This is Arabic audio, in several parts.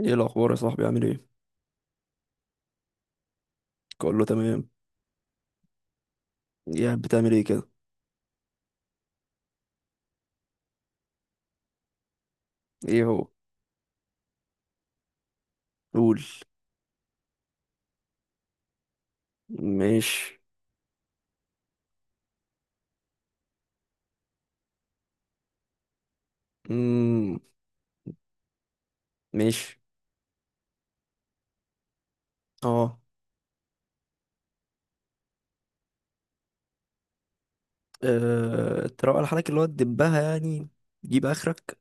ايه الاخبار يا صاحبي؟ عامل ايه؟ اقول له تمام. يا بتعمل ايه كده؟ ايه هو؟ قول. ماشي. امم ماشي. اه. تروق على حالك اللي هو تدبها يعني. تجيب اخرك.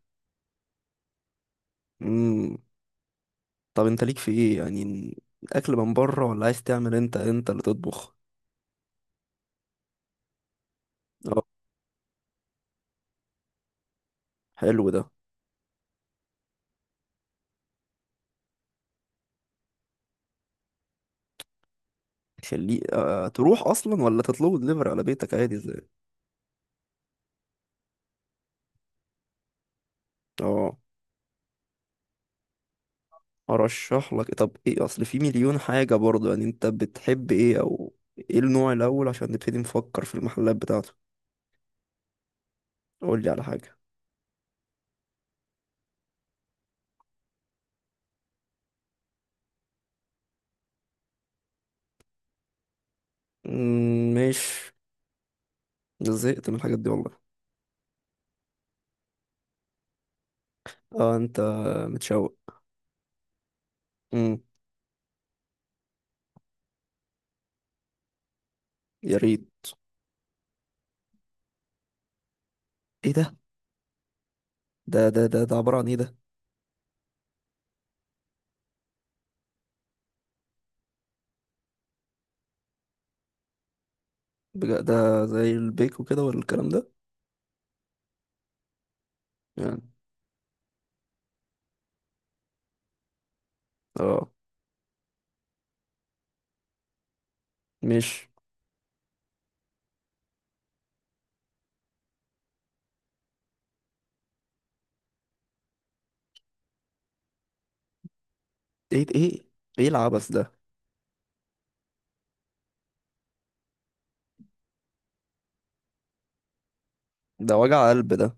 امم طب انت ليك في ايه يعني؟ اكل من بره ولا عايز تعمل انت اللي تطبخ؟ اه، حلو ده. خليه. تروح اصلا ولا تطلبه دليفري على بيتك؟ عادي ازاي. اه. ارشح لك؟ طب ايه؟ اصل في مليون حاجة برضه. يعني انت بتحب ايه؟ او ايه النوع الاول عشان نبتدي نفكر في المحلات بتاعته؟ قول لي على حاجة. مش زهقت من الحاجات دي والله. اه، انت متشوق. امم يا ريت. ايه ده ده عبارة عن ايه ده؟ بجد؟ ده زي البيك وكده ولا الكلام ده؟ يعني اه. مش ايه. ايه؟ ايه العبث ده؟ ده وجع قلب ده.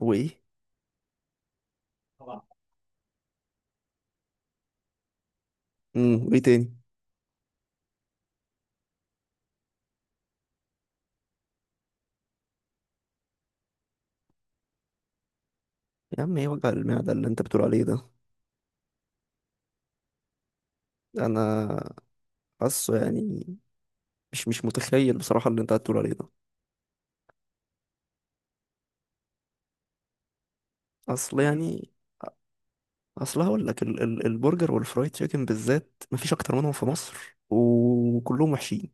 وايه؟ وايه تاني؟ يا عم ايه وجع المعدة اللي انت بتقول عليه ده؟ انا حاسه يعني. مش متخيل بصراحة اللي انت هتقول عليه ده. اصل يعني. اصل هقول لك ال البرجر والفرايد تشيكن بالذات مفيش اكتر منهم في مصر، وكلهم وحشين.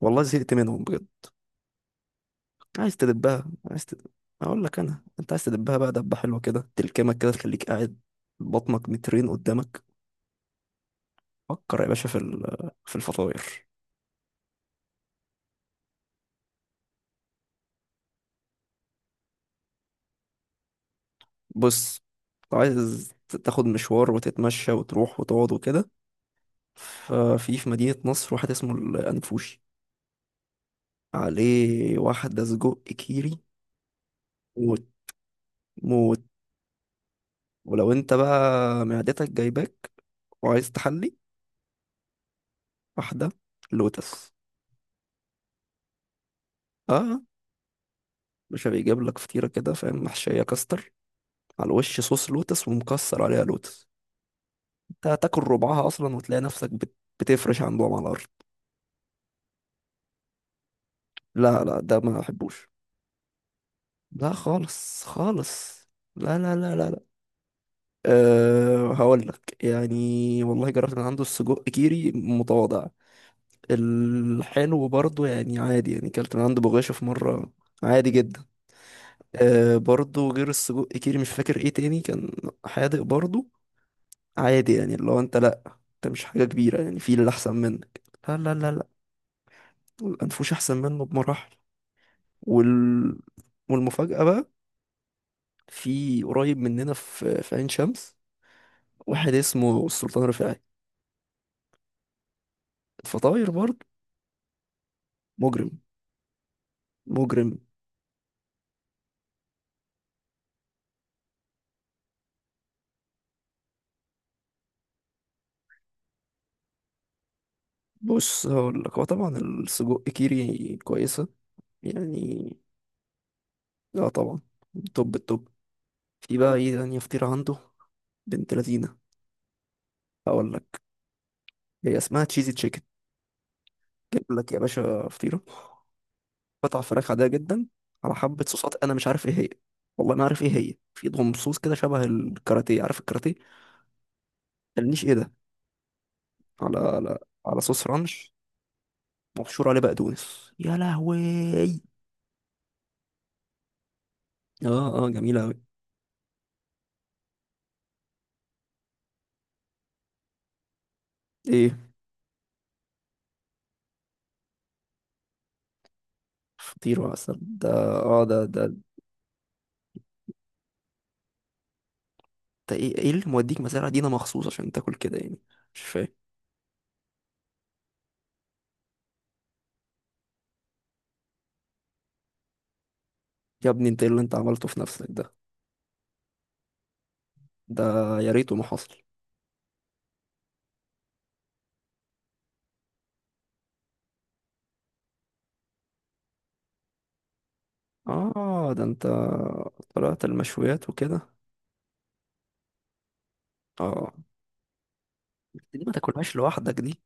والله زهقت منهم بجد. عايز تدبها؟ عايز تدب. اقول لك انا، انت عايز تدبها بقى دبة حلوة كده تلكمك كده تخليك قاعد بطنك مترين قدامك. فكر يا باشا في في الفطاير. بص، لو عايز تاخد مشوار وتتمشى وتروح وتقعد وكده، ففي مدينة نصر واحد اسمه الأنفوشي، عليه واحدة سجق كيري، موت. موت. ولو انت بقى معدتك جايباك وعايز تحلي، واحدة لوتس. اه، مش بيجيب لك فطيرة كده فاهم، محشية كاستر، على الوش صوص لوتس، ومكسر عليها لوتس. انت هتاكل ربعها اصلا وتلاقي نفسك بتفرش عندهم على الارض. لا لا، ده ما احبوش. لا، خالص خالص. لا لا لا لا لا. أه هقول لك يعني، والله جربت من عنده السجق كيري، متواضع. الحلو برضو يعني عادي، يعني كلت من عند بغاشة في مرة، عادي جدا. برضو غير السجق كيري مش فاكر ايه تاني كان، حادق برضو، عادي يعني. اللي هو انت لأ، انت مش حاجة كبيرة يعني، في اللي أحسن منك. لا لا لا لا، الأنفوش أحسن منه بمراحل. وال... والمفاجأة بقى في قريب مننا في عين شمس، واحد اسمه السلطان رفاعي. الفطاير برضو، مجرم. مجرم. بص هقول لك، هو طبعا السجق كيري كويسة يعني. لا طبعا، توب التوب. في بقى ايه تانية فطيرة عنده؟ بنت لذينة. هقول لك، هي اسمها تشيزي تشيكن، جايب لك يا باشا فطيرة قطع فراخ عادية جدا، على حبة صوصات انا مش عارف ايه هي. والله ما عارف ايه هي، في ضم صوص كده شبه الكاراتيه، عارف الكاراتيه؟ قالنيش ايه ده، على على على صوص رانش، مبشور عليه بقدونس. يا لهوي. اه اه، جميلة اوي. ايه فطيرة مثلا ده؟ اه، ده ده ايه؟ ايه اللي موديك مزارع دينا مخصوص عشان تاكل كده يعني؟ مش فاهم. يا ابني انت ايه اللي انت عملته في نفسك ده؟ ده يا ريته ما حصل. اه ده انت طلعت المشويات وكده. اه، بس دي ما تاكلهاش لوحدك دي.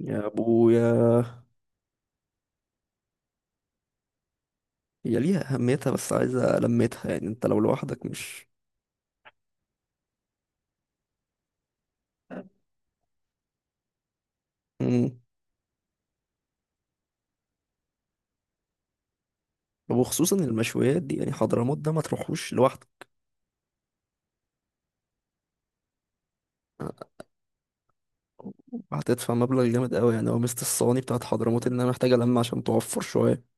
يا ابويا، هي ليها اهميتها بس عايزه لمتها يعني، انت لو لوحدك مش. مم. وخصوصا المشويات دي، يعني حضرموت ده ما تروحوش لوحدك. هتدفع مبلغ جامد قوي يعني. هو مست الصواني بتاعت حضرموت انها محتاجه لمه عشان توفر شويه.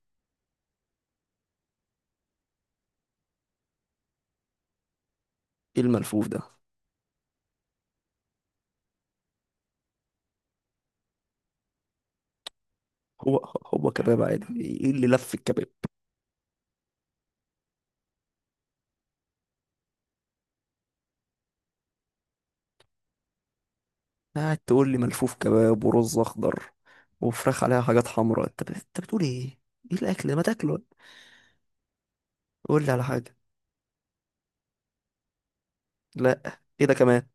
ايه الملفوف ده؟ هو، هو كباب عادي، ايه اللي لف الكباب؟ قاعد تقول لي ملفوف كباب، ورز اخضر، وفراخ عليها حاجات حمراء، انت بتقول ايه؟ ايه الاكل ده، ما تاكله؟ قول لي على حاجه. لا ايه ده كمان؟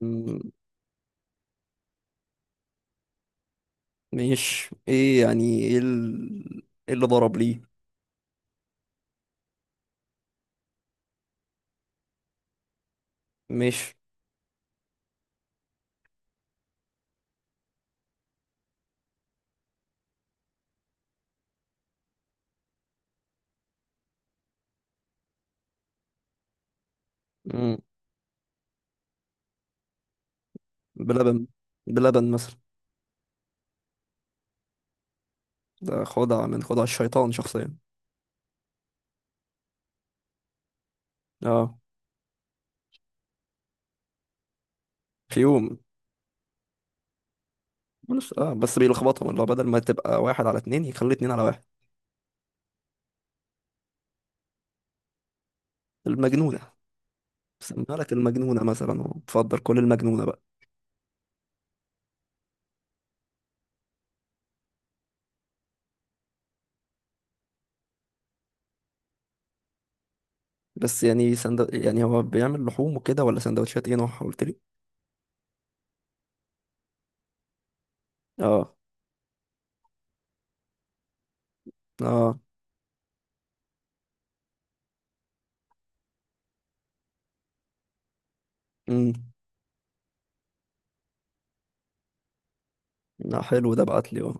م- مش ايه يعني، ايه إيه اللي ضرب ليه؟ مش. م- بلبن. بلبن مثلا ده خدعه من خدع الشيطان شخصيا. اه، في يوم. بس اه، بس بيلخبطهم، اللي هو بدل ما تبقى واحد على اتنين يخلي اتنين على واحد. المجنونه. سمها لك المجنونه مثلا وتفضل كل المجنونه بقى. بس يعني يعني هو بيعمل لحوم وكده ولا سندوتشات؟ ايه نوعها قلت لي؟ اه اه. امم لا حلو ده، بعت لي.